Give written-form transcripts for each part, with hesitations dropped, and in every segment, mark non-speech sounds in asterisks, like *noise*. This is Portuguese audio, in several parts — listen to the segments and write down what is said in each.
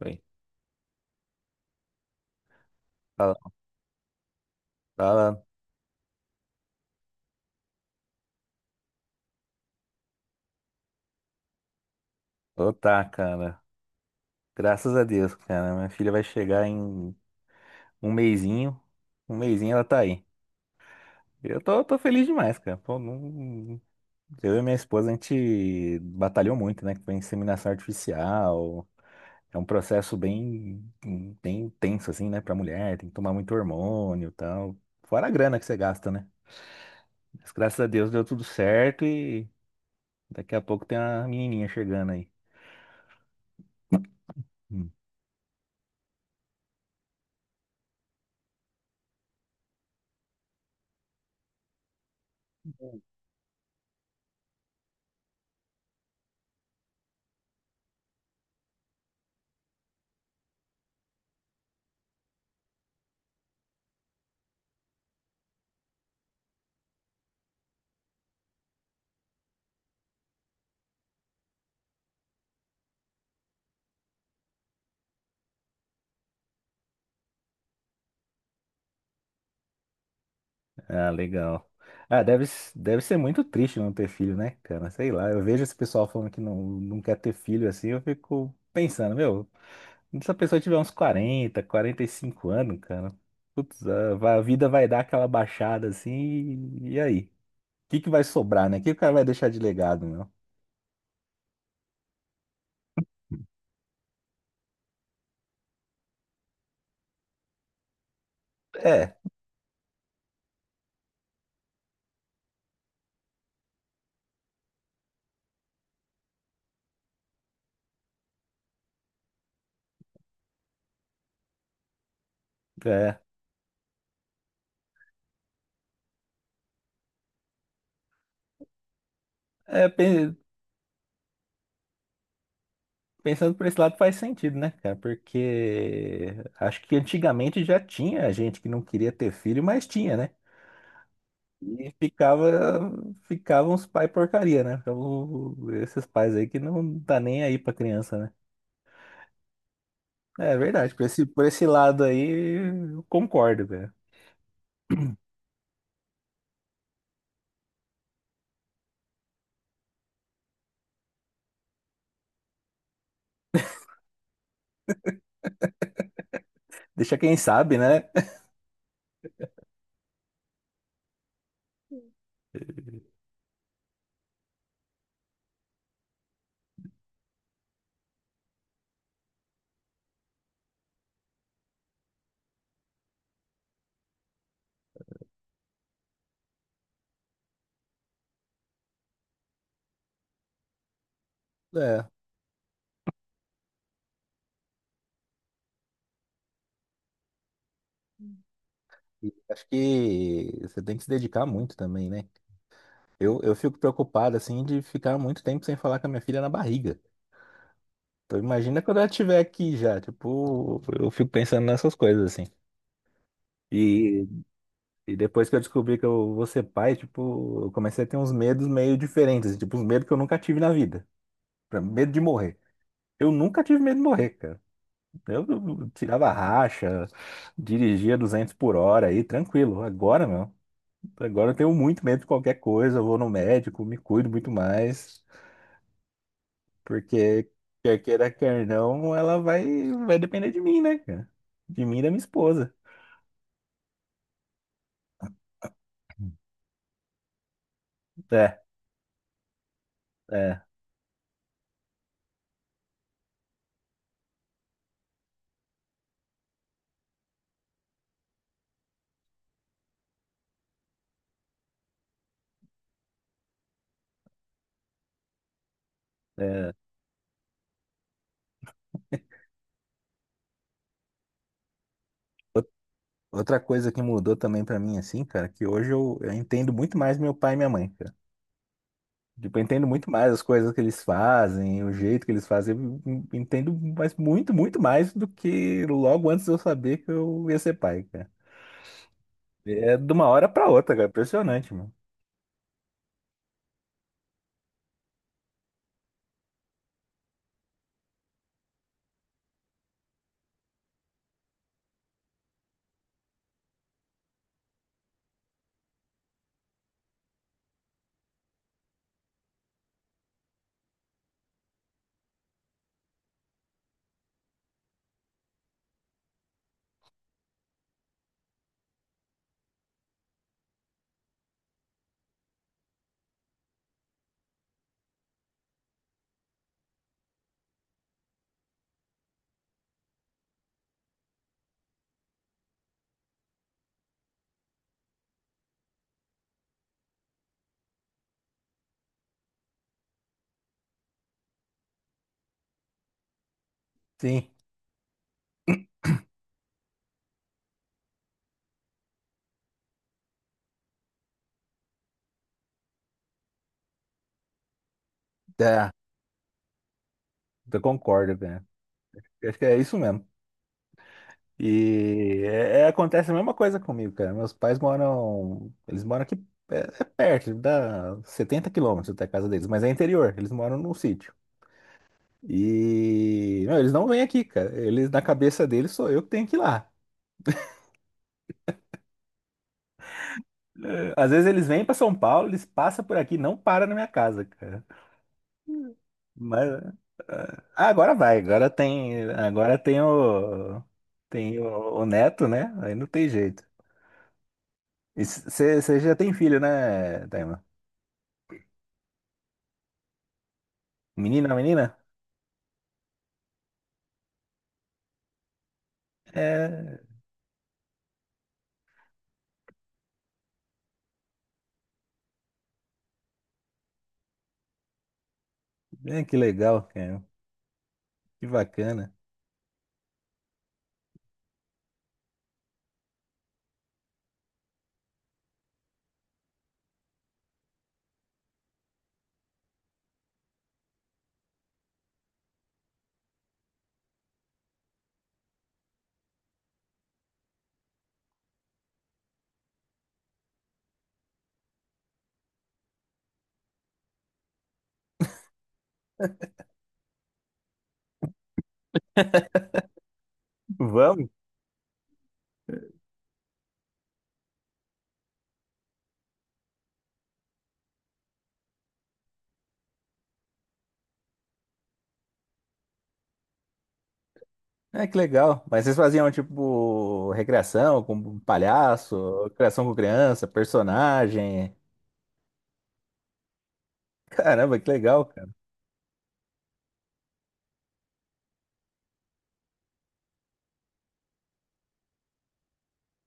Oi. Fala, fala. Ô, tá, cara. Graças a Deus, cara. Minha filha vai chegar em um mesinho. Um mesinho ela tá aí. Eu tô feliz demais, cara. Pô, eu e minha esposa, a gente batalhou muito, né? Com inseminação artificial. É um processo bem, bem tenso, assim, né? Pra mulher. Tem que tomar muito hormônio e tal. Fora a grana que você gasta, né? Mas graças a Deus deu tudo certo e daqui a pouco tem uma menininha chegando aí. Ah, legal. Ah, deve ser muito triste não ter filho, né, cara? Sei lá, eu vejo esse pessoal falando que não, não quer ter filho assim, eu fico pensando, meu, se a pessoa tiver uns 40, 45 anos, cara, putz, a vida vai dar aquela baixada assim, e aí? O que que vai sobrar, né? O que o cara vai deixar de legado, meu? É, é, é, pensando por esse lado faz sentido, né, cara? Porque acho que antigamente já tinha gente que não queria ter filho, mas tinha, né? E ficavam os pais porcaria, né? Ficavam esses pais aí que não tá nem aí pra criança, né? É verdade, por esse lado aí, eu concordo, velho. Deixa quem sabe, né? É, e acho que você tem que se dedicar muito também, né? Eu fico preocupado, assim, de ficar muito tempo sem falar com a minha filha na barriga. Então imagina quando ela estiver aqui já, tipo, eu fico pensando nessas coisas, assim. E E depois que eu descobri que eu vou ser pai, tipo, eu comecei a ter uns medos meio diferentes, assim, tipo, uns medos que eu nunca tive na vida. Medo de morrer. Eu nunca tive medo de morrer, cara. Eu tirava racha, dirigia 200 por hora aí, tranquilo. Agora, meu, agora eu tenho muito medo de qualquer coisa, eu vou no médico, me cuido muito mais, porque quer queira, quer não, vai depender de mim, né, cara? De mim e da minha esposa. É, é, é. Outra coisa que mudou também pra mim, assim, cara, que hoje eu entendo muito mais meu pai e minha mãe, cara. Tipo, eu entendo muito mais as coisas que eles fazem, o jeito que eles fazem. Eu entendo mas muito, muito mais do que logo antes de eu saber que eu ia ser pai, cara. É de uma hora pra outra, cara. Impressionante, mano. Sim, tá. Eu concordo, cara. Eu acho que é isso mesmo. E acontece a mesma coisa comigo, cara. Meus pais moram. Eles moram aqui é perto, dá 70 quilômetros até a casa deles, mas é interior, eles moram num sítio. E não, eles não vêm aqui, cara. Eles na cabeça deles sou eu que tenho que ir lá. Eh, às vezes eles vêm para São Paulo, eles passam por aqui, não param na minha casa, cara. Mas é, ah, agora tem o neto, né? Aí não tem jeito. Você já tem filho, né, Taima? Menina, menina? É, é, que legal, cara. Que bacana. Vamos. É, que legal. Mas vocês faziam, tipo, recreação com palhaço, recreação com criança, personagem. Caramba, que legal, cara.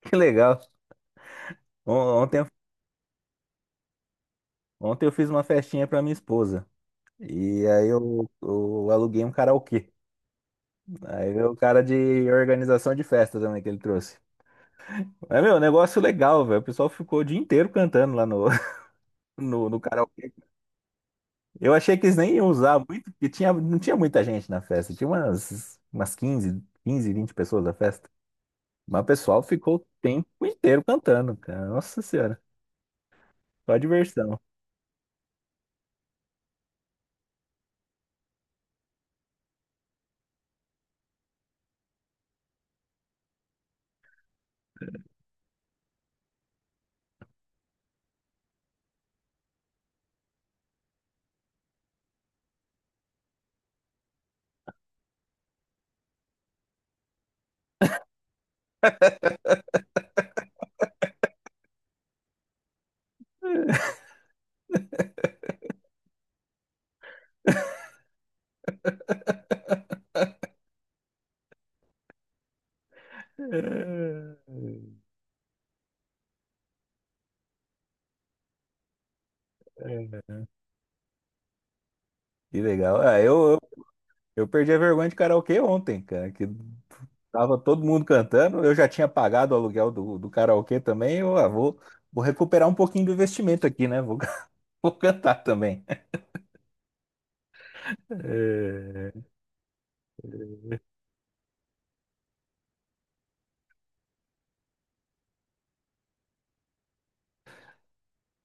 Que legal. Ontem, ontem eu fiz uma festinha pra minha esposa. E aí eu aluguei um karaokê. Aí veio o cara de organização de festa também que ele trouxe. É, meu, negócio legal, velho. O pessoal ficou o dia inteiro cantando lá *laughs* no karaokê. Eu achei que eles nem iam usar muito, porque tinha, não tinha muita gente na festa. Tinha umas, 15 15, 20 pessoas na festa. Mas o pessoal ficou o tempo inteiro cantando, cara. Nossa Senhora, só diversão. *laughs* Que legal. Ah, eu perdi a vergonha de karaokê ontem, cara, que tava todo mundo cantando. Eu já tinha pagado o aluguel do karaokê também. Eu vou recuperar um pouquinho do investimento aqui, né? Vou, *laughs* vou cantar também. É,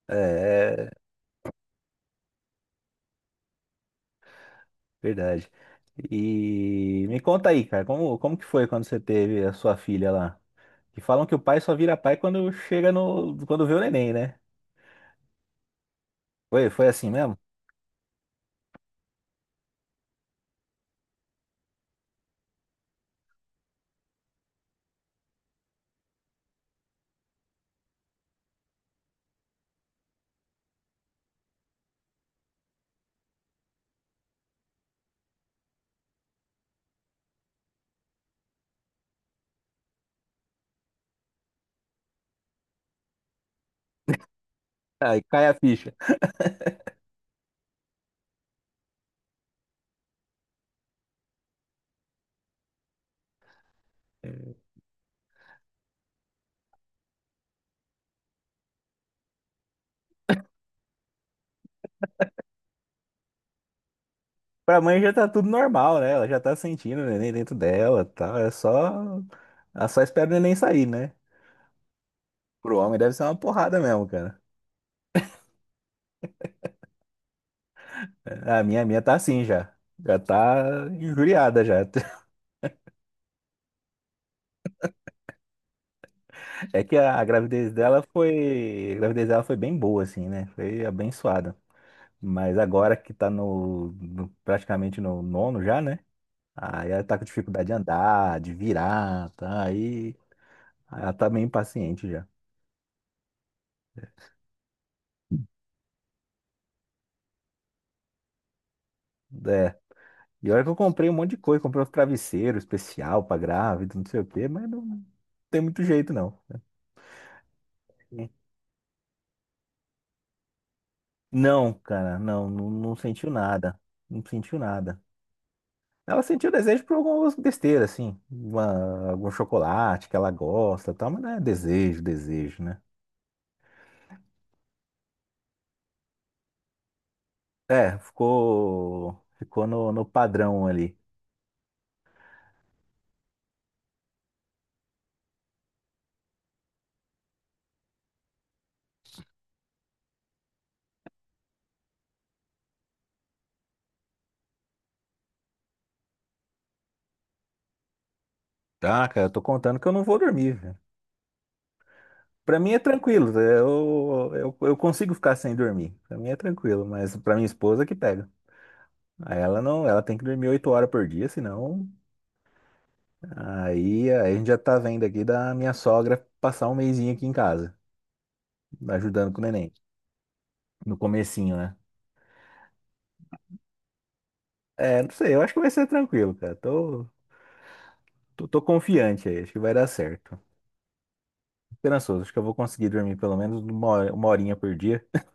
é verdade. E me conta aí, cara, como que foi quando você teve a sua filha lá? Que falam que o pai só vira pai quando chega no, quando vê o neném, né? Foi, foi assim mesmo? Aí cai a ficha. Pra mãe já tá tudo normal, né? Ela já tá sentindo o neném dentro dela, tal. É só. Ela só espera o neném sair, né? Pro homem deve ser uma porrada mesmo, cara. É, a minha, a minha tá assim já. Já tá injuriada já. *laughs* É que a gravidez dela foi. A gravidez dela foi bem boa, assim, né? Foi abençoada. Mas agora que tá praticamente no nono já, né? Aí ela tá com dificuldade de andar, de virar, tá? Aí ela tá meio impaciente já. É. E olha que eu comprei um monte de coisa, comprei uns travesseiros especial pra grávida, não sei o quê, mas não tem muito jeito, não. É. Não, cara, não, não, não sentiu nada. Não sentiu nada. Ela sentiu desejo por algumas besteiras, assim. Uma, algum chocolate que ela gosta, e tal, mas não é desejo, desejo, né? É, ficou, ficou no padrão ali. Tá, cara, eu tô contando que eu não vou dormir, velho. Pra mim é tranquilo, eu consigo ficar sem dormir. Pra mim é tranquilo, mas pra minha esposa que pega. Aí ela não, ela tem que dormir 8 horas por dia, senão aí, aí a gente já tá vendo aqui da minha sogra passar um mesinho aqui em casa, ajudando com o neném, no comecinho, né? É, não sei, eu acho que vai ser tranquilo, cara. Tô confiante aí, acho que vai dar certo. Esperançoso, acho que eu vou conseguir dormir pelo menos uma horinha por dia. *laughs*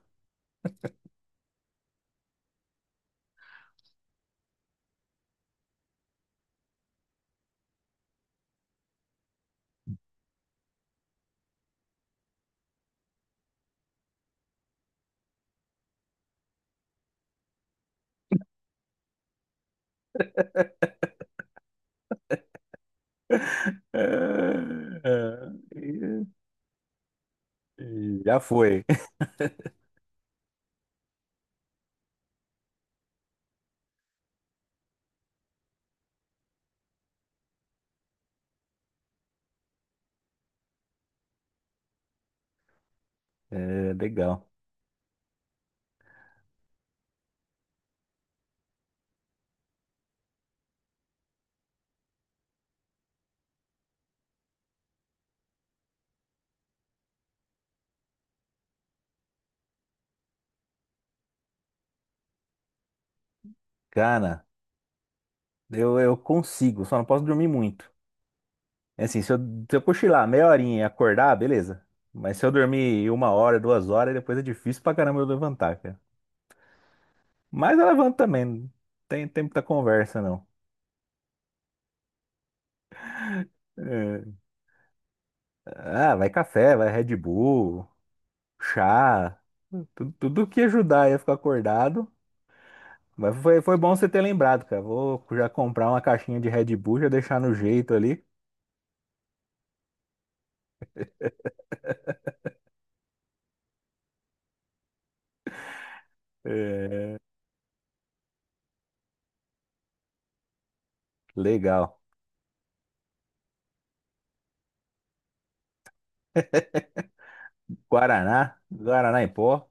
É, é, já foi. É, legal. Cara, eu consigo, só não posso dormir muito. É assim, se eu cochilar meia horinha e acordar, beleza. Mas se eu dormir uma hora, 2 horas, depois é difícil pra caramba eu levantar, cara. Mas eu levanto também, não tem tempo da conversa, não. É, ah, vai café, vai Red Bull, chá, tudo, tudo que ajudar aí a ficar acordado. Mas foi bom você ter lembrado, cara. Vou já comprar uma caixinha de Red Bull, já deixar no jeito ali. É, legal. *laughs* Guaraná, Guaraná em pó.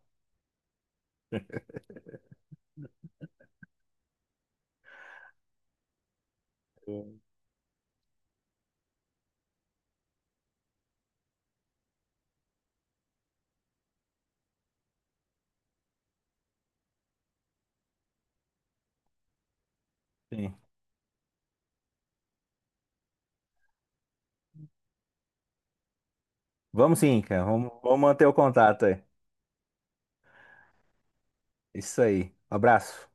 Sim. Vamos sim, cara. Vamos manter o contato aí. Isso aí. Abraço.